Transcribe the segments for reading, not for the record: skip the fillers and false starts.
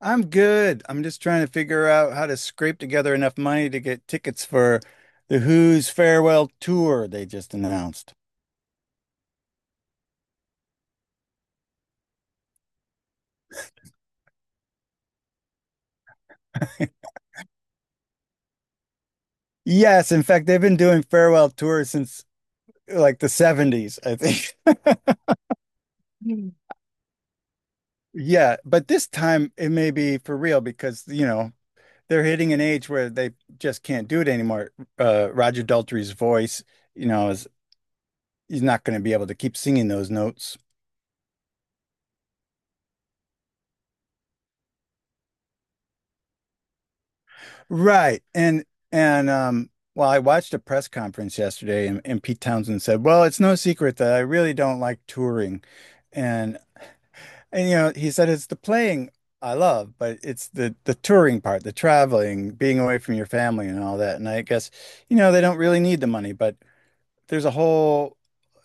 I'm good. I'm just trying to figure out how to scrape together enough money to get tickets for the Who's farewell tour they just announced. Yes, in fact, they've been doing farewell tours since like the 70s, I think. Mm. Yeah, but this time it may be for real because, you know, they're hitting an age where they just can't do it anymore. Roger Daltrey's voice, you know, is he's not going to be able to keep singing those notes. Right. And well, I watched a press conference yesterday, and Pete Townsend said, "Well, it's no secret that I really don't like touring." And and you know, he said it's the playing I love, but it's the touring part, the traveling, being away from your family and all that. And I guess, you know, they don't really need the money, but there's a whole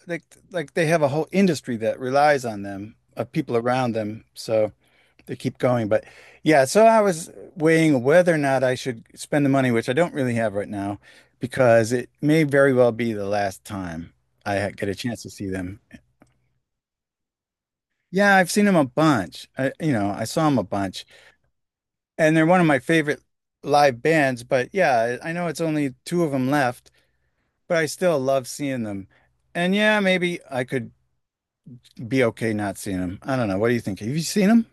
like like they have a whole industry that relies on them, of people around them. So to keep going. But yeah, so I was weighing whether or not I should spend the money, which I don't really have right now, because it may very well be the last time I get a chance to see them. Yeah, I've seen them a bunch. I, you know, I saw them a bunch, and they're one of my favorite live bands. But yeah, I know it's only two of them left, but I still love seeing them. And yeah, maybe I could be okay not seeing them. I don't know. What do you think? Have you seen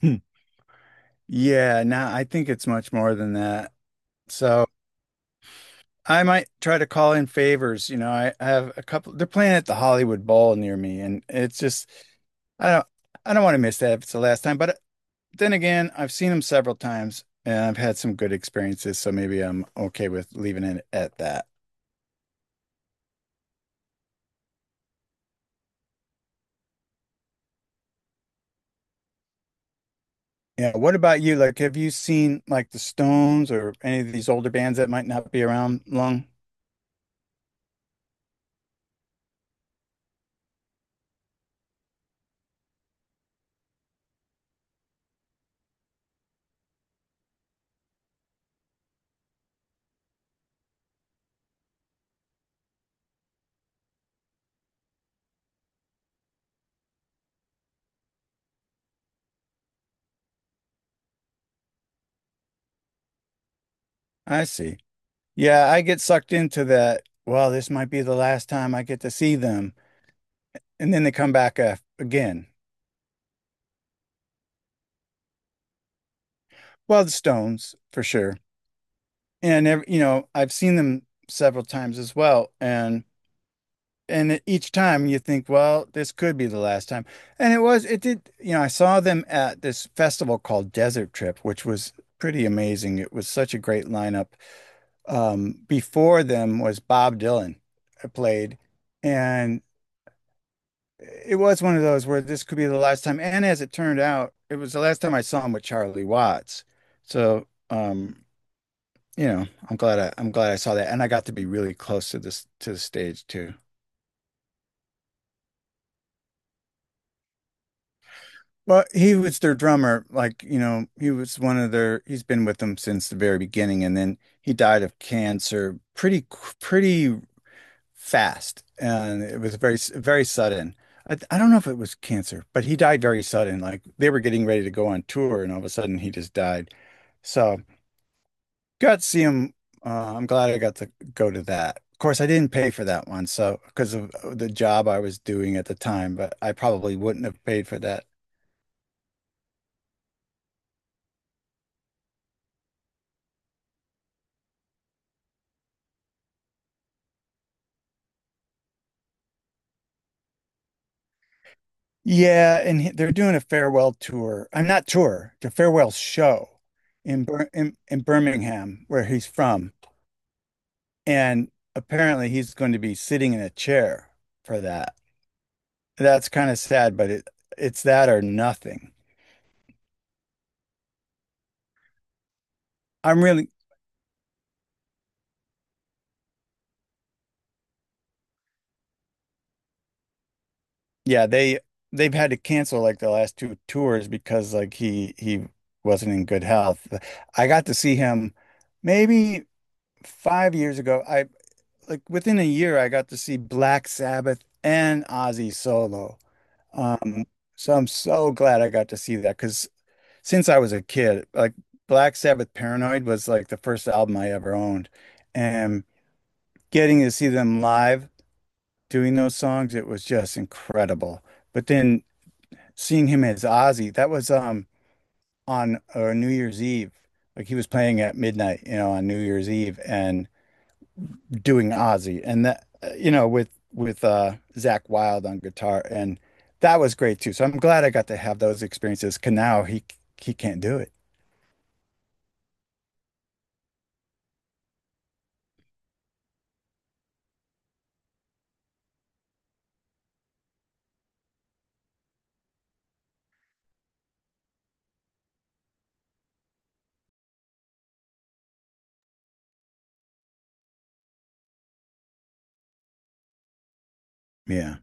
them? Yeah, no, nah, I think it's much more than that. So I might try to call in favors. You know, I have a couple. They're playing at the Hollywood Bowl near me, and it's just I don't I don't want to miss that if it's the last time. But then again, I've seen them several times, and I've had some good experiences, so maybe I'm okay with leaving it at that. Yeah. What about you? Like, have you seen like the Stones or any of these older bands that might not be around long? I see. Yeah, I get sucked into that. Well, this might be the last time I get to see them, and then they come back again. Well, the Stones for sure. And you know, I've seen them several times as well and each time you think, well, this could be the last time. And it was it did, you know, I saw them at this festival called Desert Trip, which was pretty amazing. It was such a great lineup. Before them was Bob Dylan played, and it was one of those where this could be the last time. And as it turned out, it was the last time I saw him with Charlie Watts. So, you know, I'm glad I'm glad I saw that, and I got to be really close to this to the stage too. Well, he was their drummer, like, you know, he was one of their. He's been with them since the very beginning, and then he died of cancer pretty fast, and it was very very sudden. I don't know if it was cancer, but he died very sudden. Like they were getting ready to go on tour, and all of a sudden he just died. So. Got to see him. I'm glad I got to go to that. Of course, I didn't pay for that one, so because of the job I was doing at the time, but I probably wouldn't have paid for that. Yeah, and they're doing a farewell tour. I'm not tour, the farewell show in, Bir in Birmingham, where he's from, and apparently he's going to be sitting in a chair for that. That's kind of sad, but it's that or nothing. I'm really yeah, they they've had to cancel like the last two tours because like he wasn't in good health. I got to see him maybe 5 years ago. I like within a year I got to see Black Sabbath and Ozzy solo. Um, so I'm so glad I got to see that because since I was a kid, like Black Sabbath Paranoid was like the first album I ever owned, and getting to see them live doing those songs, it was just incredible. But then seeing him as Ozzy, that was on New Year's Eve. Like he was playing at midnight, you know, on New Year's Eve, and doing Ozzy and that you know with Zach Wild on guitar, and that was great too. So I'm glad I got to have those experiences. 'Cause now he can't do it. Yeah.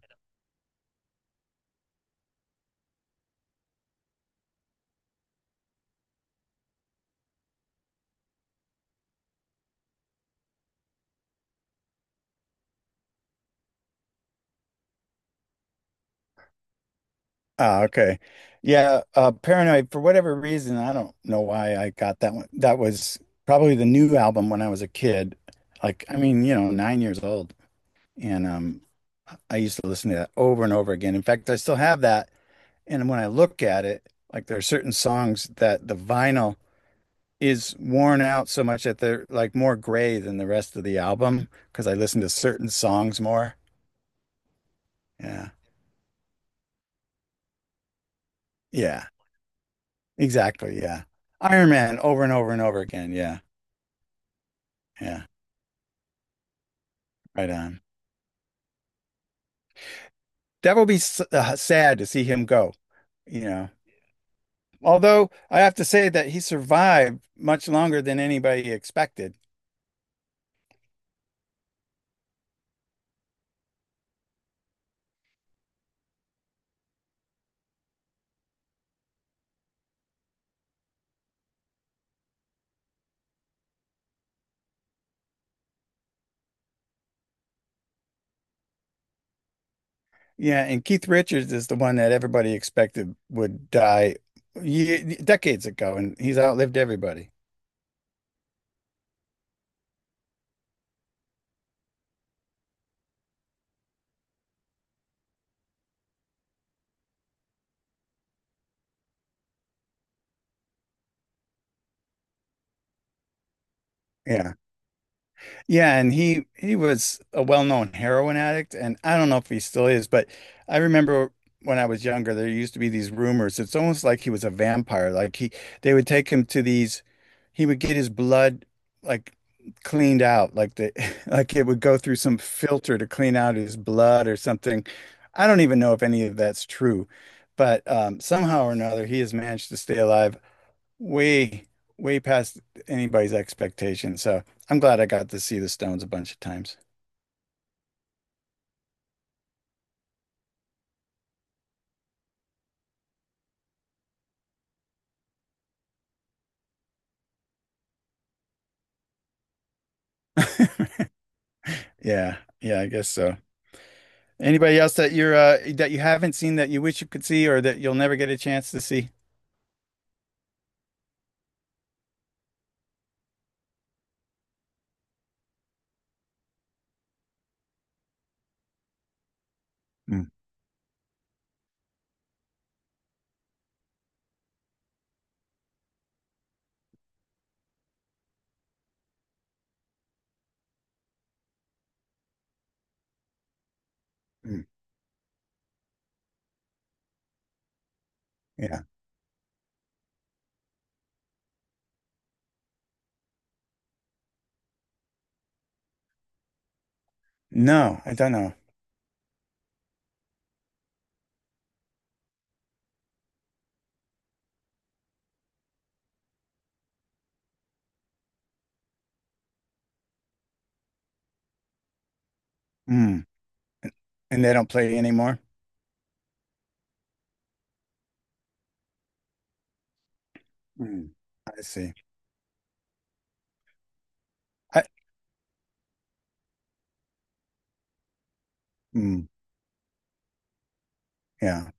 Ah, okay. Yeah, Paranoid for whatever reason, I don't know why I got that one. That was probably the new album when I was a kid. Like I mean, you know, nine years old. And I used to listen to that over and over again. In fact, I still have that. And when I look at it, like there are certain songs that the vinyl is worn out so much that they're like more gray than the rest of the album because I listen to certain songs more. Yeah. Yeah. Exactly. Yeah. Iron Man over and over and over again. Yeah. Yeah, right on. That will be sad to see him go, you know. Although I have to say that he survived much longer than anybody expected. Yeah, and Keith Richards is the one that everybody expected would die ye decades ago, and he's outlived everybody. Yeah. Yeah, and he was a well-known heroin addict, and I don't know if he still is, but I remember when I was younger, there used to be these rumors. It's almost like he was a vampire. Like he, they would take him to these, he would get his blood like cleaned out, like the like it would go through some filter to clean out his blood or something. I don't even know if any of that's true, but somehow or another, he has managed to stay alive way, way past anybody's expectation. So I'm glad I got to see the Stones a bunch of times. Yeah, yeah, I guess so. Anybody else that you're that you haven't seen that you wish you could see or that you'll never get a chance to see? Mm, mm, yeah. No, I don't know. Mm. And they don't play anymore? Mm, I see. I mm. Yeah,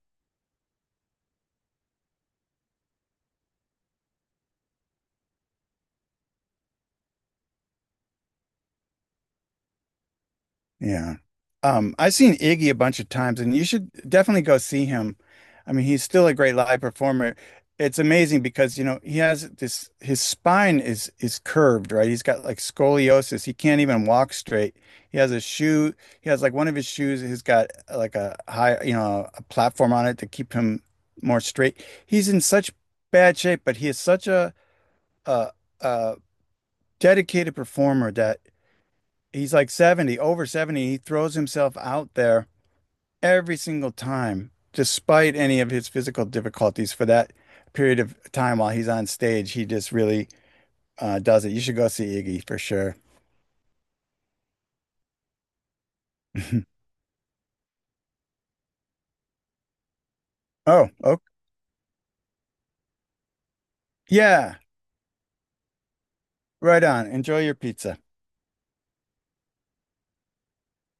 yeah. I've seen Iggy a bunch of times, and you should definitely go see him. I mean, he's still a great live performer. It's amazing because, you know, he has this, his spine is curved, right? He's got like scoliosis. He can't even walk straight. He has a shoe, he has like one of his shoes he has got like a high, you know, a platform on it to keep him more straight. He's in such bad shape, but he is such a, a dedicated performer that he's like 70, over 70. He throws himself out there every single time, despite any of his physical difficulties for that period of time while he's on stage. He just really does it. You should go see Iggy for sure. Oh, okay. Yeah, right on. Enjoy your pizza.